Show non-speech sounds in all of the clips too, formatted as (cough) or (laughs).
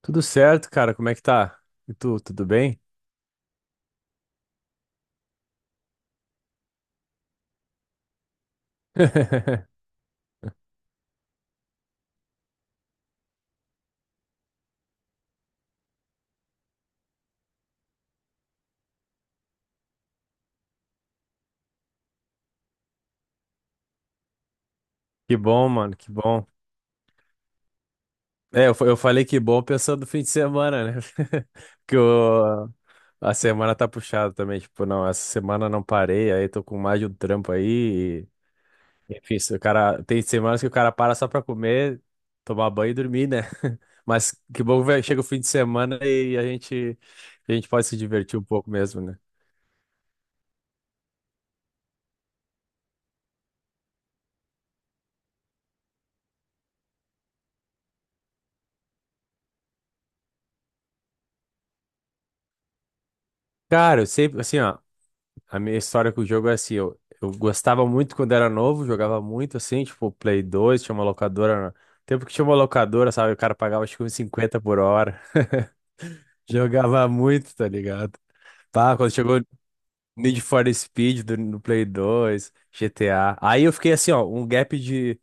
Tudo certo, cara? Como é que tá? E tu, tudo bem? (laughs) Que bom, mano, que bom. É, eu, eu falei que bom pensando no fim de semana, né? (laughs) Porque o- a semana tá puxada também. Tipo, não, essa semana não parei, aí tô com mais de um trampo aí. Enfim, se o cara, tem semanas que o cara para só pra comer, tomar banho e dormir, né? (laughs) Mas que bom que vai- chega o fim de semana e a gente pode se divertir um pouco mesmo, né? Cara, eu sempre, assim, ó. A minha história com o jogo é assim, eu gostava muito quando era novo, jogava muito assim, tipo, Play 2, tinha uma locadora. Tempo que tinha uma locadora, sabe? O cara pagava acho que uns 50 por hora. (laughs) Jogava muito, tá ligado? Pá, quando chegou Need for Speed no Play 2, GTA. Aí eu fiquei assim, ó, um gap de,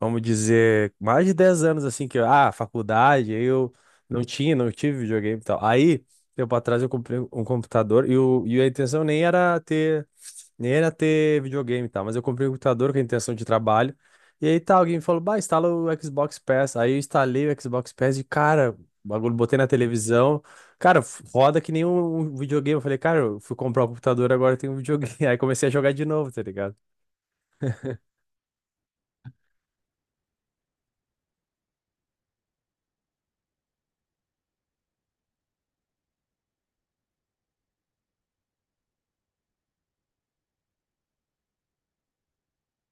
vamos dizer, mais de 10 anos assim, que, faculdade, aí eu não tive videogame e tal. Aí, tempo atrás eu comprei um computador e a intenção nem era ter. Nem era ter videogame e tal, mas eu comprei um computador com a intenção de trabalho. E aí tá, alguém me falou, bah, instala o Xbox Pass. Aí eu instalei o Xbox Pass e, cara, o bagulho, botei na televisão. Cara, roda que nem um videogame. Eu falei, cara, eu fui comprar o computador, agora tem um videogame. (laughs) Aí comecei a jogar de novo, tá ligado?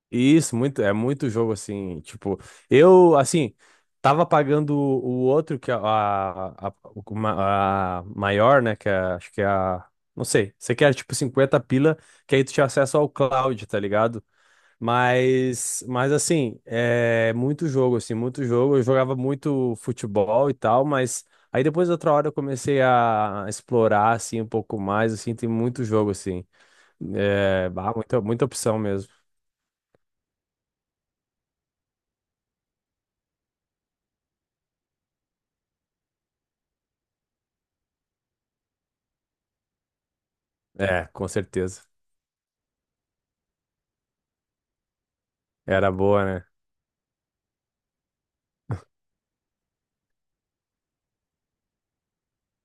Isso, muito, é muito jogo assim, tipo, eu, assim, tava pagando o outro, que é a maior, né, que é, acho que é a, não sei, você quer tipo 50 pila, que aí tu tinha acesso ao cloud, tá ligado? Mas assim, é muito jogo, assim, muito jogo, eu jogava muito futebol e tal, mas aí depois outra hora eu comecei a explorar, assim, um pouco mais, assim, tem muito jogo, assim, é, bah, muita opção mesmo. É, com certeza. Era boa, né?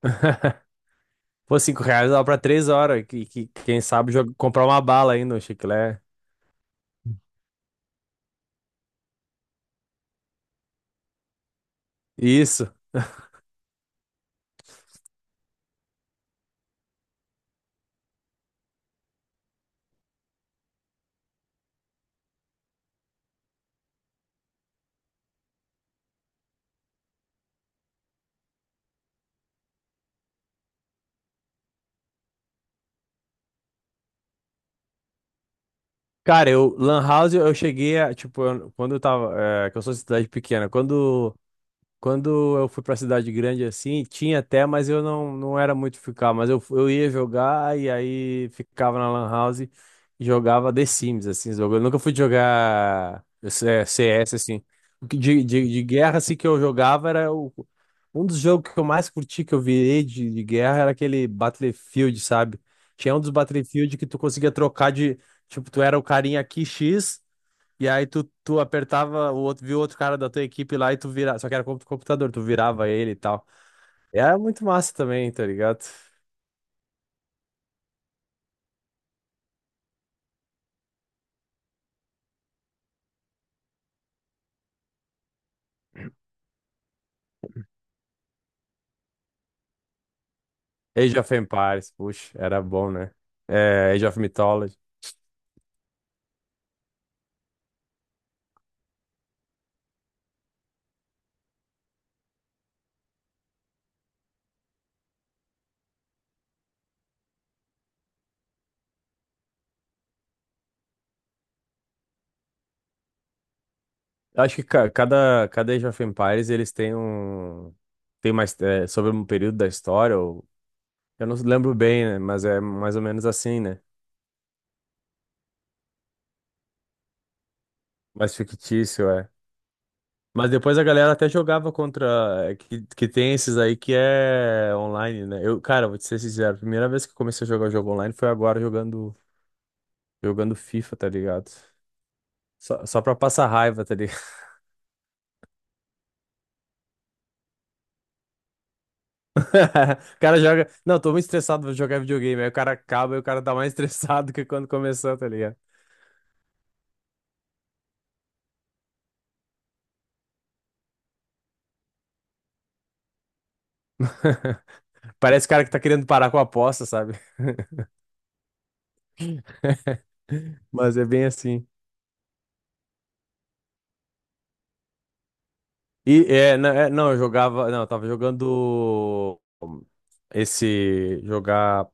(laughs) Pô, 5 reais dava pra 3 horas. Quem sabe comprar uma bala ainda, um chiclete. Isso. Cara, eu, Lan House, eu cheguei a, tipo, quando eu tava, é, que eu sou de cidade pequena, quando eu fui pra cidade grande assim, tinha até, mas eu não, não era muito ficar. Mas eu, eu ia jogar e aí ficava na Lan House e jogava The Sims, assim, jogo. Eu nunca fui jogar CS, assim. O que de guerra, assim, que eu jogava era o, um dos jogos que eu mais curti, que eu virei de guerra, era aquele Battlefield, sabe? Tinha um dos Battlefield que tu conseguia trocar de. Tipo, tu era o carinha aqui X. E aí tu apertava o outro, viu outro cara da tua equipe lá e tu virava. Só que era contra o computador, tu virava ele e tal. E era muito massa também, tá ligado? Age of Empires, puxa, era bom, né? É, Age of Mythology. Eu acho que cada Age of Empires eles têm um. Tem mais. É, sobre um período da história, ou, eu não lembro bem, né? Mas é mais ou menos assim, né? Mais fictício, é. Mas depois a galera até jogava contra. Que tem esses aí que é online, né? Eu, cara, vou te ser sincero, a primeira vez que eu comecei a jogar jogo online foi agora jogando FIFA, tá ligado? Só pra passar raiva, tá ligado? (laughs) O cara joga. Não, tô muito estressado, vou jogar videogame. Aí o cara acaba e o cara tá mais (laughs) estressado que quando começou, tá ligado? (laughs) Parece o cara que tá querendo parar com a aposta, sabe? Mas é bem assim. E é, não, eu jogava. Não, eu tava jogando. Esse jogar.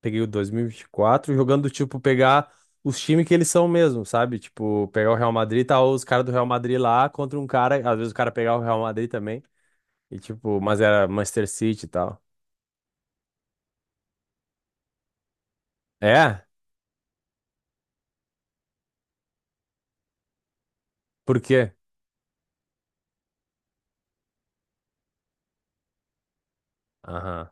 Peguei o 2024, jogando tipo pegar os times que eles são mesmo, sabe? Tipo, pegar o Real Madrid, tá os caras do Real Madrid lá contra um cara. Às vezes o cara pegar o Real Madrid também. E tipo, mas era Manchester City e tal. É? Por quê? Aham,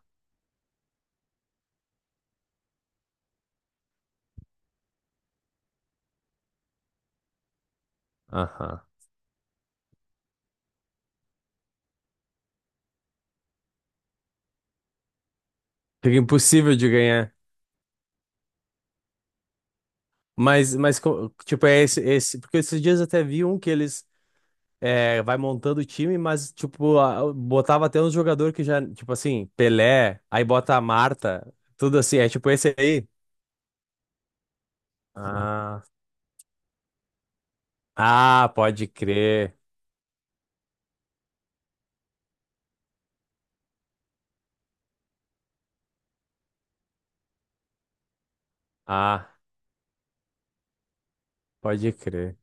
aham. Fica impossível de ganhar. Esse. Porque esses dias eu até vi um que eles. É, vai montando o time, mas, tipo, botava até uns jogadores que já, tipo assim, Pelé, aí bota a Marta, tudo assim, é tipo esse aí. Ah, ah, pode crer. Ah, pode crer.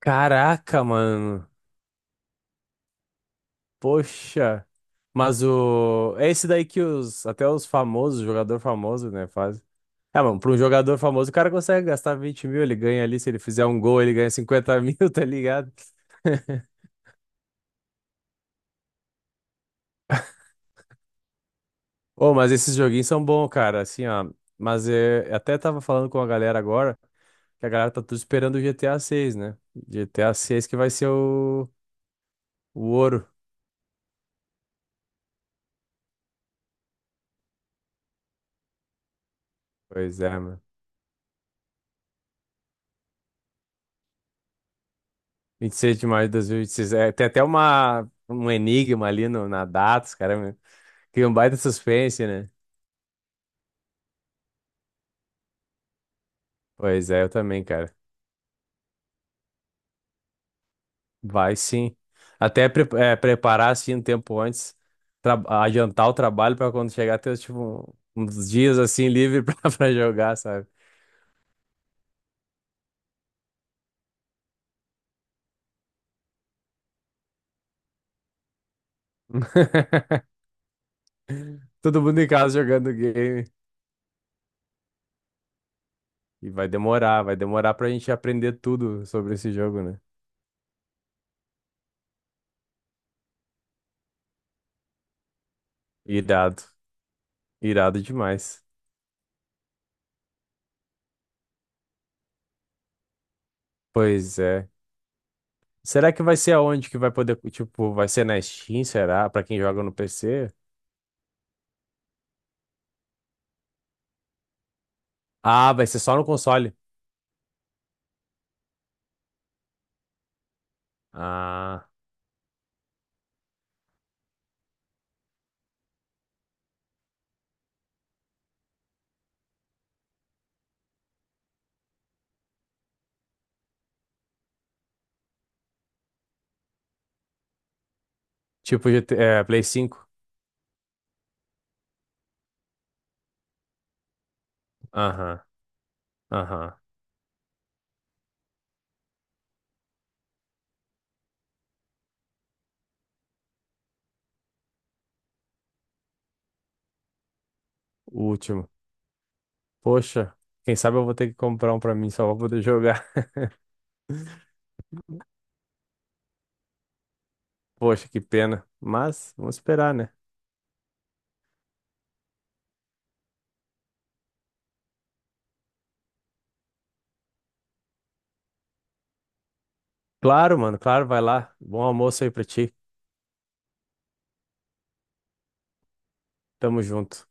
Caraca, mano. Poxa. Mas o. É esse daí que os. Até os famosos, jogador famoso, né, faz. É, mano, pra um jogador famoso, o cara consegue gastar 20 mil, ele ganha ali. Se ele fizer um gol, ele ganha 50 mil, (laughs) tá ligado? Ô, mas esses joguinhos são bons, cara, assim, ó. Mas é, eu até tava falando com a galera agora que a galera tá tudo esperando o GTA 6, né? GTA 6 que vai ser o ouro. Pois é, mano. 26 de maio de 2026. É, tem até uma, um enigma ali no, na data, cria um baita suspense, né? Pois é, eu também, cara. Vai sim. Até preparar, assim, um tempo antes, adiantar o trabalho pra quando chegar ter, tipo, uns dias, assim, livre (laughs) pra jogar, sabe? (laughs) Todo mundo em casa jogando game. E vai demorar pra gente aprender tudo sobre esse jogo, né? Irado. Irado demais. Pois é. Será que vai ser aonde que vai poder, tipo, vai ser na Steam, será? Pra quem joga no PC? Ah, vai ser só no console. Ah, tipo Play 5. Aham, aham. O último. Poxa, quem sabe eu vou ter que comprar um pra mim só pra poder jogar. (laughs) Poxa, que pena. Mas vamos esperar, né? Claro, mano, claro, vai lá. Bom almoço aí pra ti. Tamo junto.